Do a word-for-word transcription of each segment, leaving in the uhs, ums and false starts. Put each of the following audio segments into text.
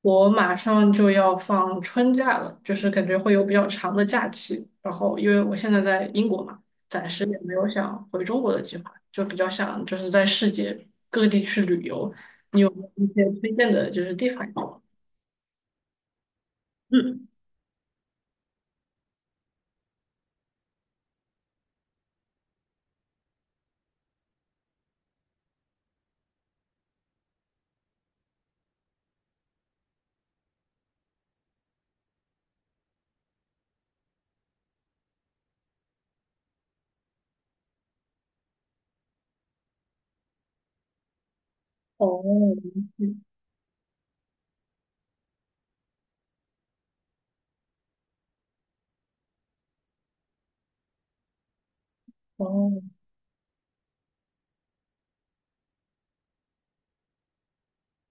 我马上就要放春假了，就是感觉会有比较长的假期。然后，因为我现在在英国嘛，暂时也没有想回中国的计划，就比较想就是在世界各地去旅游。你有没有一些推荐的就是地方吗？嗯。哦。嗯。哦。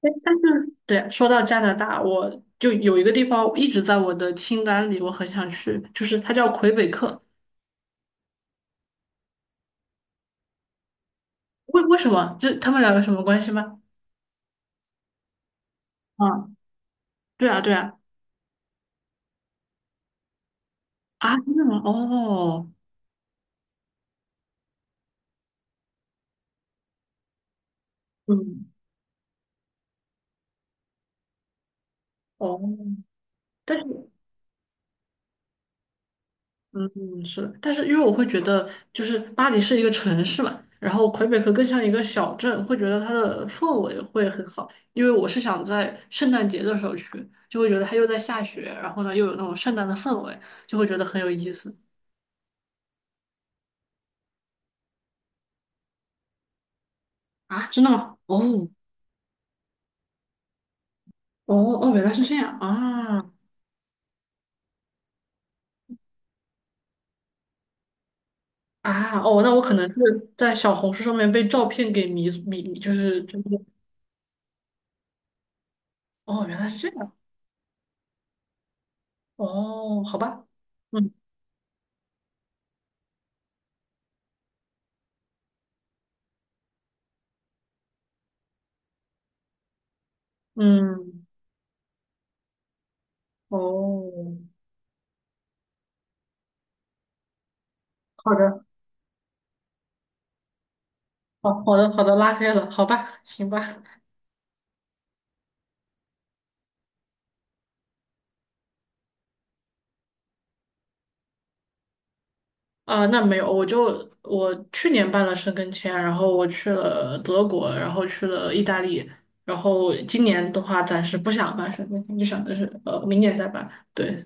哎，但是 对啊，说到加拿大，我就有一个地方一直在我的清单里，我很想去，就是它叫魁北克。为为什么？这他们两个什么关系吗？啊，对啊，对啊。啊，真的吗？哦。嗯。哦。但是，嗯，是的，但是因为我会觉得，就是巴黎是一个城市嘛，然后魁北克更像一个小镇，会觉得它的氛围会很好。因为我是想在圣诞节的时候去，就会觉得它又在下雪，然后呢又有那种圣诞的氛围，就会觉得很有意思。啊，真的吗？哦，哦。哦。原来是这样啊。啊。哦，那我可能是在小红书上面被照片给迷迷，就是就是，哦，原来是这样。哦，好吧。嗯嗯。哦，好的。好好的好的，拉黑了，好吧，行吧。啊，那没有，我就我去年办了申根签，然后我去了德国，然后去了意大利，然后今年的话暂时不想办申根签，就想的是呃明年再办，对。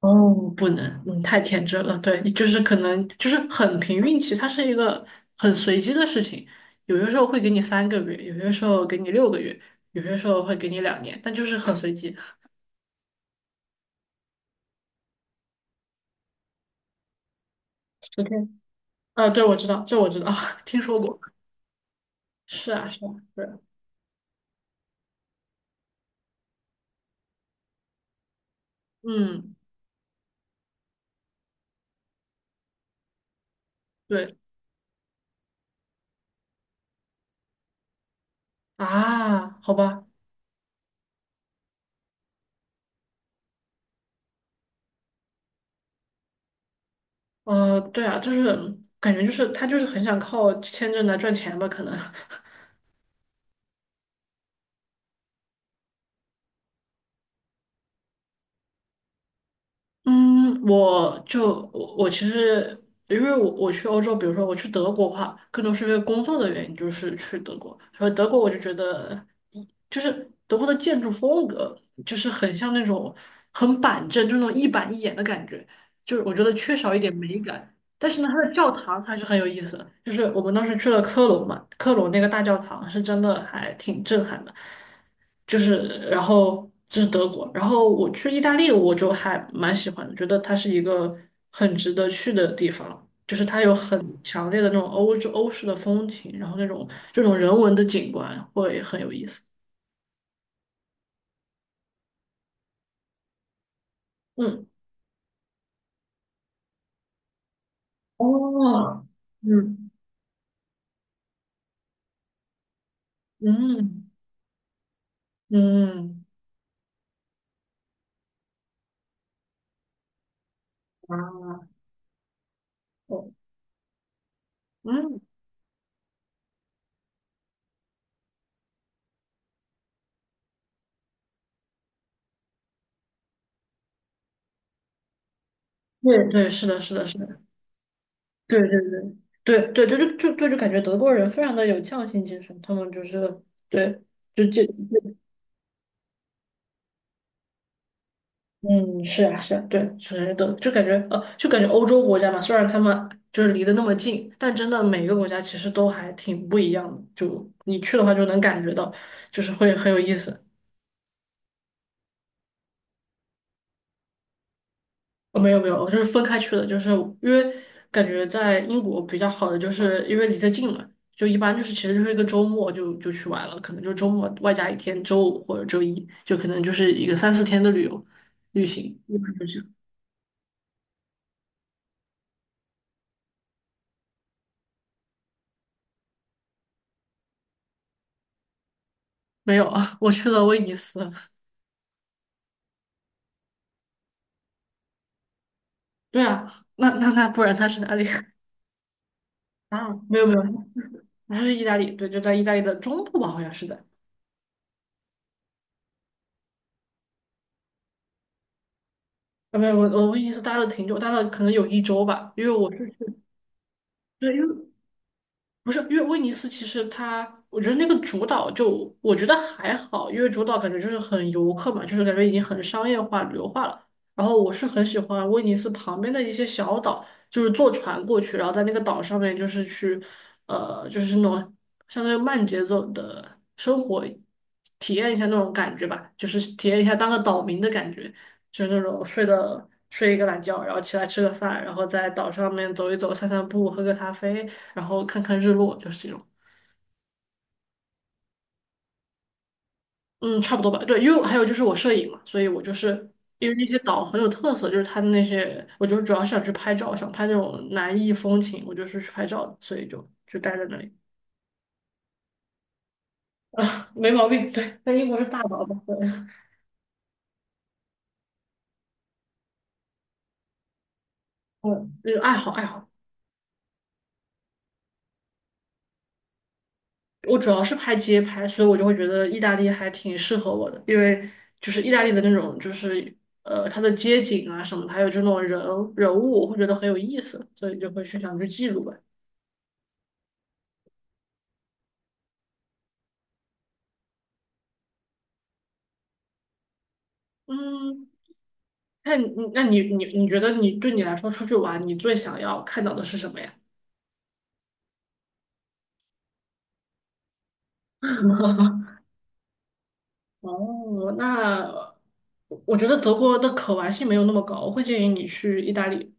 哦，不能，嗯，太天真了。对，就是可能就是很凭运气，它是一个很随机的事情。有些时候会给你三个月，有些时候给你六个月，有些时候会给你两年，但就是很随机。OK。啊，对，我知道，这我知道，听说过。是啊，是啊，对。嗯，对啊，好吧，呃，对啊，就是感觉就是他就是很想靠签证来赚钱吧，可能。嗯，我就我我其实因为我我去欧洲，比如说我去德国的话，更多是因为工作的原因，就是去德国。所以德国我就觉得，就是德国的建筑风格，就是很像那种很板正，就那种一板一眼的感觉，就是我觉得缺少一点美感。但是呢，它的教堂还是很有意思的。就是我们当时去了科隆嘛，科隆那个大教堂是真的还挺震撼的。就是然后这是德国，然后我去意大利，我就还蛮喜欢的，觉得它是一个很值得去的地方。就是它有很强烈的那种欧洲欧式的风情，然后那种这种人文的景观会很有意思。嗯。哦。嗯。嗯嗯。啊。哦。嗯。对，对，是的，是的，是的。对对对对对，就就就就就感觉德国人非常的有匠心精神，他们就是对，就就嗯，是啊是啊，对。首先德就感觉呃，就感觉欧洲国家嘛，虽然他们就是离得那么近，但真的每个国家其实都还挺不一样的，就你去的话就能感觉到，就是会很有意思。哦，没有没有，我就是分开去的，就是因为感觉在英国比较好的，就是因为离得近嘛，就一般就是其实就是一个周末就就去玩了，可能就周末外加一天周五或者周一，就可能就是一个三四天的旅游旅行，一般就是没有啊，我去了威尼斯。对啊，那那那不然他是哪里 啊？没有没有，他是意大利，对，就在意大利的中部吧，好像是在。啊，没有，我我威尼斯待了挺久，待了可能有一周吧，因为我是去，对，因为不是，因为威尼斯其实它，我觉得那个主岛就我觉得还好，因为主岛感觉就是很游客嘛，就是感觉已经很商业化、旅游化了。然后我是很喜欢威尼斯旁边的一些小岛，就是坐船过去，然后在那个岛上面就是去，呃，就是那种相当于慢节奏的生活，体验一下那种感觉吧，就是体验一下当个岛民的感觉。就是那种睡的睡一个懒觉，然后起来吃个饭，然后在岛上面走一走、散散步、喝个咖啡，然后看看日落，就是这种。嗯，差不多吧。对，因为还有就是我摄影嘛，所以我就是因为那些岛很有特色，就是它的那些，我就是主要是想去拍照，想拍那种南艺风情，我就是去拍照的，所以就就待在那里。啊，没毛病。对，在英国是大岛吧？对，嗯，就是爱好爱好。我主要是拍街拍，所以我就会觉得意大利还挺适合我的，因为就是意大利的那种，就是呃，它的街景啊什么的，还有就那种人人物，我会觉得很有意思，所以就会去想去记录吧。嗯，那你那你你你觉得你对你来说出去玩，你最想要看到的是什么呀？哦，那我觉得德国的可玩性没有那么高，我会建议你去意大利。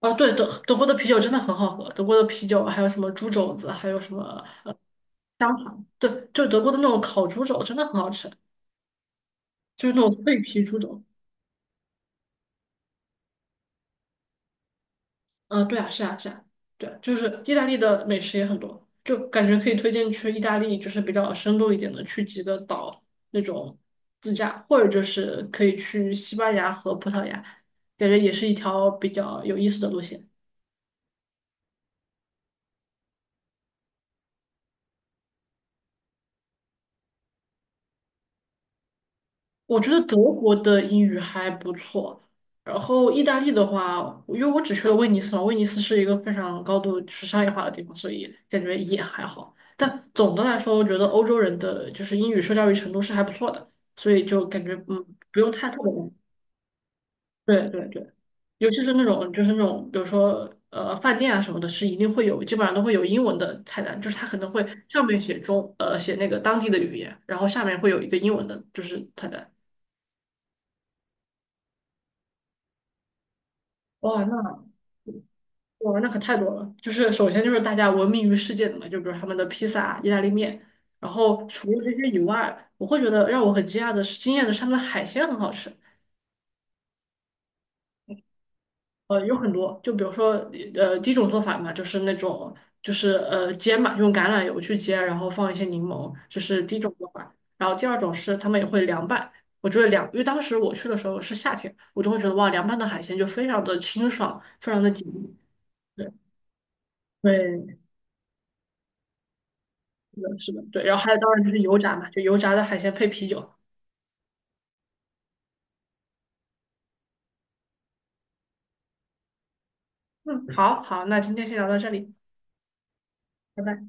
啊，对，德德国的啤酒真的很好喝，德国的啤酒还有什么猪肘子，还有什么对，就德国的那种烤猪肘真的很好吃，就是那种脆皮猪肘。嗯，对啊，是啊，是啊，对，就是意大利的美食也很多，就感觉可以推荐去意大利，就是比较深度一点的，去几个岛那种自驾，或者就是可以去西班牙和葡萄牙，感觉也是一条比较有意思的路线。我觉得德国的英语还不错，然后意大利的话，因为我只去了威尼斯嘛，威尼斯是一个非常高度就是商业化的地方，所以感觉也还好。但总的来说，我觉得欧洲人的就是英语受教育程度是还不错的，所以就感觉嗯不用太特别担心。对对对，尤其是那种就是那种比如说呃饭店啊什么的，是一定会有，基本上都会有英文的菜单，就是它可能会上面写中呃写那个当地的语言，然后下面会有一个英文的就是菜单。哇，那哇，那可太多了。就是首先就是大家闻名于世界的嘛，就比如他们的披萨啊、意大利面。然后除了这些以外，我会觉得让我很惊讶的是，惊艳的是他们的海鲜很好吃。呃，有很多，就比如说呃，第一种做法嘛，就是那种就是呃煎嘛，用橄榄油去煎，然后放一些柠檬，这是第一种做法。然后第二种是他们也会凉拌。我觉得凉，因为当时我去的时候是夏天，我就会觉得哇，凉拌的海鲜就非常的清爽，非常的解腻。对对，是的，是的，对。然后还有当然就是油炸嘛，就油炸的海鲜配啤酒。嗯，好好，那今天先聊到这里，拜拜。